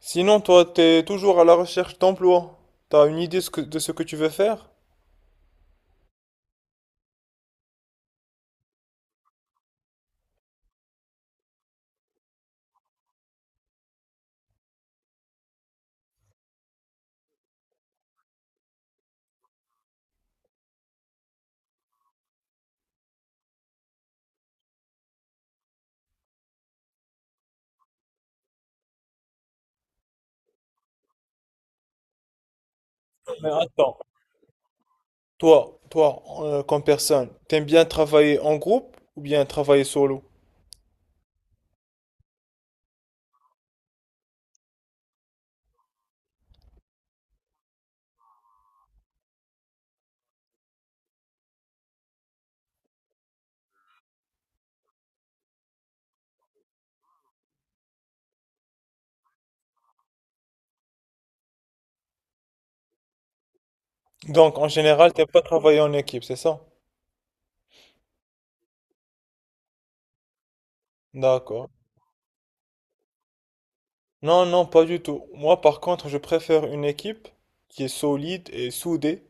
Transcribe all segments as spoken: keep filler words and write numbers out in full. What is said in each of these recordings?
Sinon, toi, t'es toujours à la recherche d'emploi. T'as une idée ce que- de ce que tu veux faire? Mais attends, toi, toi, euh, comme personne, t'aimes bien travailler en groupe ou bien travailler solo? Donc, en général, t'aimes pas travailler en équipe, c'est ça? D'accord. Non, non, pas du tout. Moi, par contre, je préfère une équipe qui est solide et soudée.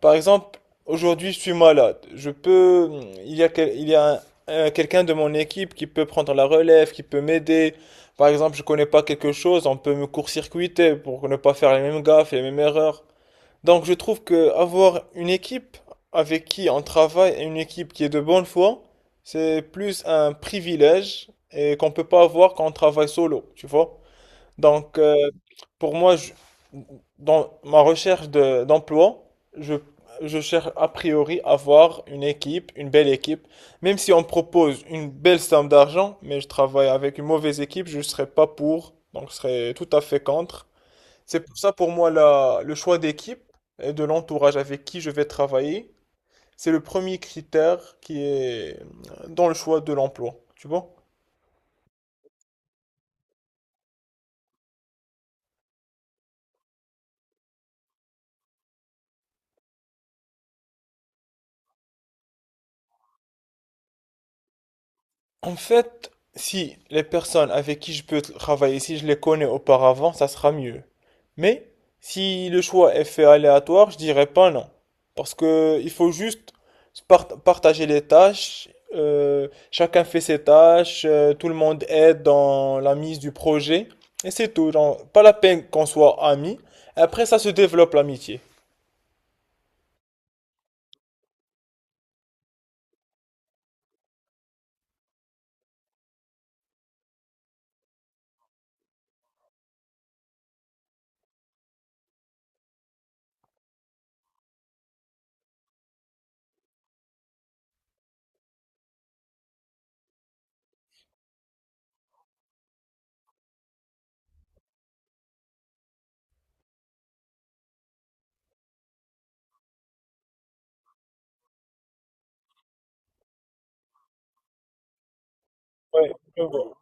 Par exemple, aujourd'hui je suis malade. Je peux, il y a, quel- il y a un- un- Quelqu'un de mon équipe qui peut prendre la relève, qui peut m'aider. Par exemple, je connais pas quelque chose, on peut me court-circuiter pour ne pas faire les mêmes gaffes, les mêmes erreurs. Donc je trouve que avoir une équipe avec qui on travaille et une équipe qui est de bonne foi, c'est plus un privilège et qu'on peut pas avoir quand on travaille solo, tu vois? Donc, euh, pour moi, je- dans ma recherche de- d'emploi, je, je cherche a priori à avoir une équipe, une belle équipe. Même si on me propose une belle somme d'argent, mais je travaille avec une mauvaise équipe, je ne serai pas pour, donc je serai tout à fait contre. C'est pour ça, pour moi, la- le choix d'équipe et de l'entourage avec qui je vais travailler, c'est le premier critère qui est euh, dans le choix de l'emploi. Tu vois? En fait, si les personnes avec qui je peux travailler, si je les connais auparavant, ça sera mieux. Mais si le choix est fait aléatoire, je dirais pas non. Parce que il faut juste se part- partager les tâches, euh, chacun fait ses tâches, euh, tout le monde aide dans la mise du projet, et c'est tout. Genre, pas la peine qu'on soit amis. Après, ça se développe l'amitié. Ouais, je vois.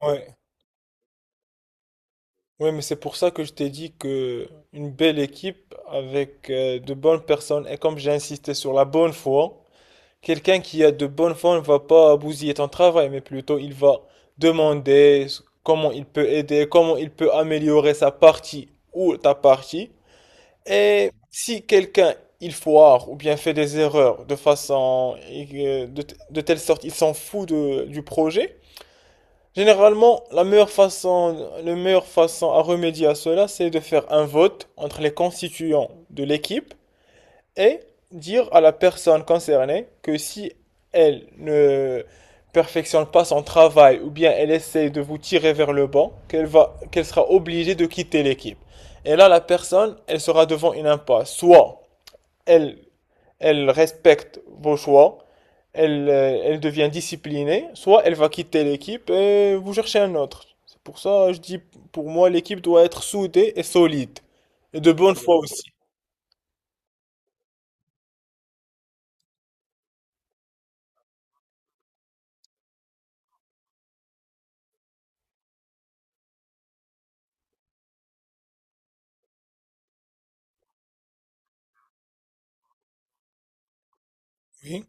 Ouais. Oui, mais c'est pour ça que je t'ai dit que une belle équipe avec euh, de bonnes personnes, et comme j'ai insisté sur la bonne foi, quelqu'un qui a de bonne foi ne va pas bousiller ton travail, mais plutôt il va demander s- comment il peut aider, comment il peut améliorer sa partie ou ta partie. Et si quelqu'un il foire ou bien fait des erreurs de façon euh, de, t- de telle sorte il s'en fout de- du projet. Généralement, la meilleure façon, la meilleure façon à remédier à cela, c'est de faire un vote entre les constituants de l'équipe et dire à la personne concernée que si elle ne perfectionne pas son travail ou bien elle essaie de vous tirer vers le bas, qu'elle va, qu'elle sera obligée de quitter l'équipe. Et là, la personne, elle sera devant une impasse. Soit elle elle respecte vos choix, elle, euh, elle devient disciplinée, soit elle va quitter l'équipe et vous cherchez un autre. C'est pour ça, je dis, pour moi, l'équipe doit être soudée et solide, et de bonne foi aussi. Oui,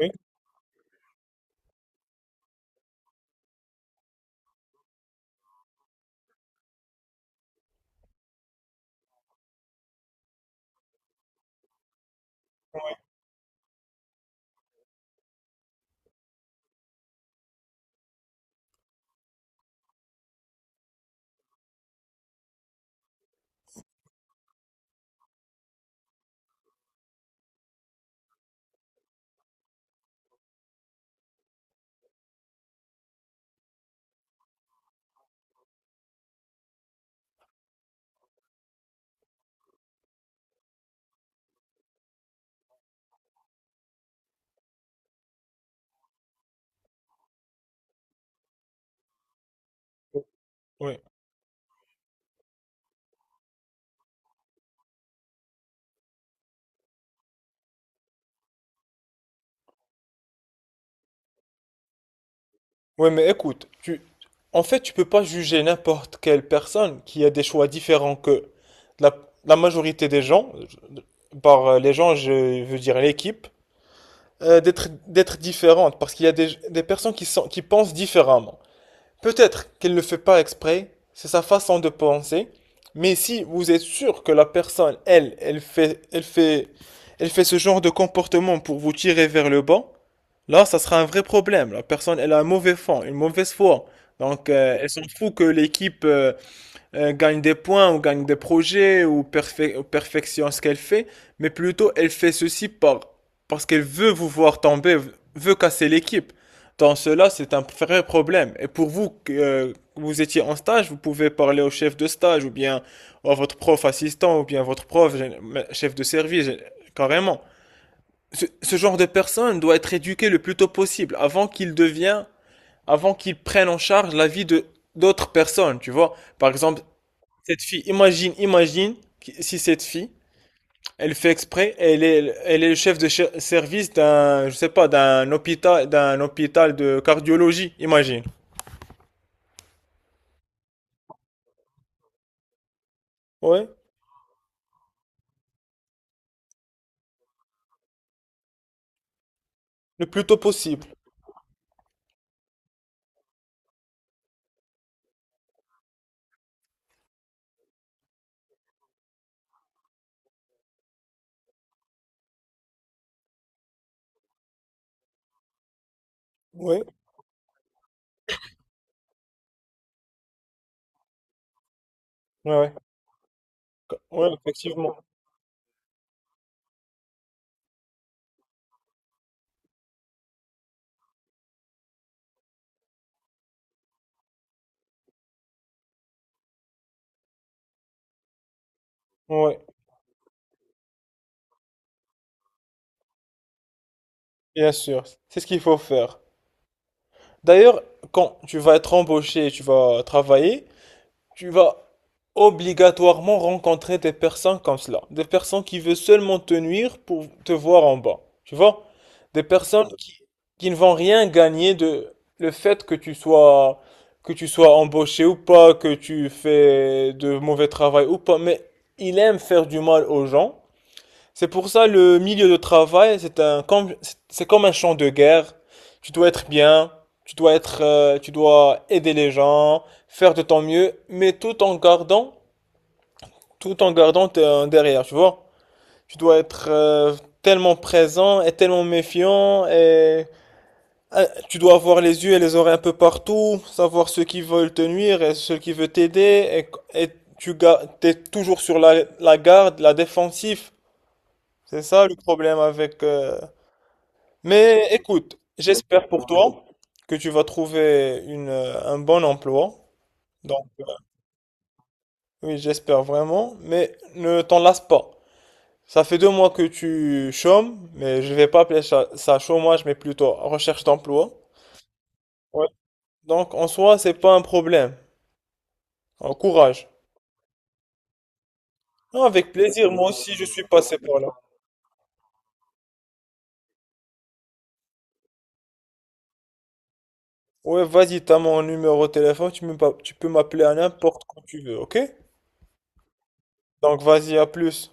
oui, oui. Oui, mais écoute, tu... En fait, tu peux pas juger n'importe quelle personne qui a des choix différents que la, la majorité des gens, je- par euh, les gens, je veux dire l'équipe, euh, d'être d'être différente, parce qu'il y a des, des personnes qui sont, qui pensent différemment. Peut-être qu'elle ne le fait pas exprès, c'est sa façon de penser, mais si vous êtes sûr que la personne, elle, elle fait, elle fait, elle fait ce genre de comportement pour vous tirer vers le bas. Là, ça sera un vrai problème. La personne, elle a un mauvais fond, une mauvaise foi. Donc, euh, elle s'en fout que l'équipe euh, euh, gagne des points ou gagne des projets ou, perfe- ou perfectionne ce qu'elle fait, mais plutôt elle fait ceci par, parce qu'elle veut vous voir tomber, veut casser l'équipe. Dans cela, c'est un vrai problème. Et pour vous, que euh, vous étiez en stage, vous pouvez parler au chef de stage ou bien à votre prof assistant ou bien votre prof, gén- chef de service, gén- carrément ce, ce genre de personne doit être éduqué le plus tôt possible avant qu'il devienne, avant qu'il prenne en charge la vie de d'autres personnes, tu vois. Par exemple, cette fille, imagine, imagine qui- si cette fille, elle fait exprès, elle est, elle est le chef de che- service d'un, je sais pas, d'un hôpital, d'un hôpital de cardiologie, imagine. Ouais, le plus tôt possible. Ouais, ouais, ouais. Ouais, effectivement. Ouais, bien sûr. C'est ce qu'il faut faire. D'ailleurs, quand tu vas être embauché, tu vas travailler, tu vas obligatoirement rencontrer des personnes comme cela. Des personnes qui veulent seulement te nuire pour te voir en bas. Tu vois? Des personnes qui, qui ne vont rien gagner de le fait que tu sois, que tu sois embauché ou pas, que tu fais de mauvais travail ou pas, mais il aime faire du mal aux gens. C'est pour ça le milieu de travail, c'est un com- c'est comme un champ de guerre. Tu dois être bien, tu dois être, euh, tu dois aider les gens, faire de ton mieux, mais tout en gardant, tout en gardant t- derrière, tu vois. Tu dois être euh, tellement présent et tellement méfiant et euh, tu dois avoir les yeux et les oreilles un peu partout, savoir ceux qui veulent te nuire et ceux qui veulent t'aider et, et tu es toujours sur la, la garde, la défensive. C'est ça le problème avec euh, mais écoute, j'espère pour toi que tu vas trouver une, euh, un bon emploi. Donc, euh, oui, j'espère vraiment. Mais ne t'en lasse pas. Ça fait deux mois que tu chômes, mais je vais pas appeler ça, ça chômage, mais plutôt recherche d'emploi. Ouais. Donc, en soi, c'est pas un problème. Alors, courage. Non, avec plaisir. Moi aussi, je suis passé par là. Ouais, vas-y, t'as mon numéro de téléphone. Tu me pa- tu peux m'appeler à n'importe quand tu veux, ok? Donc, vas-y, à plus.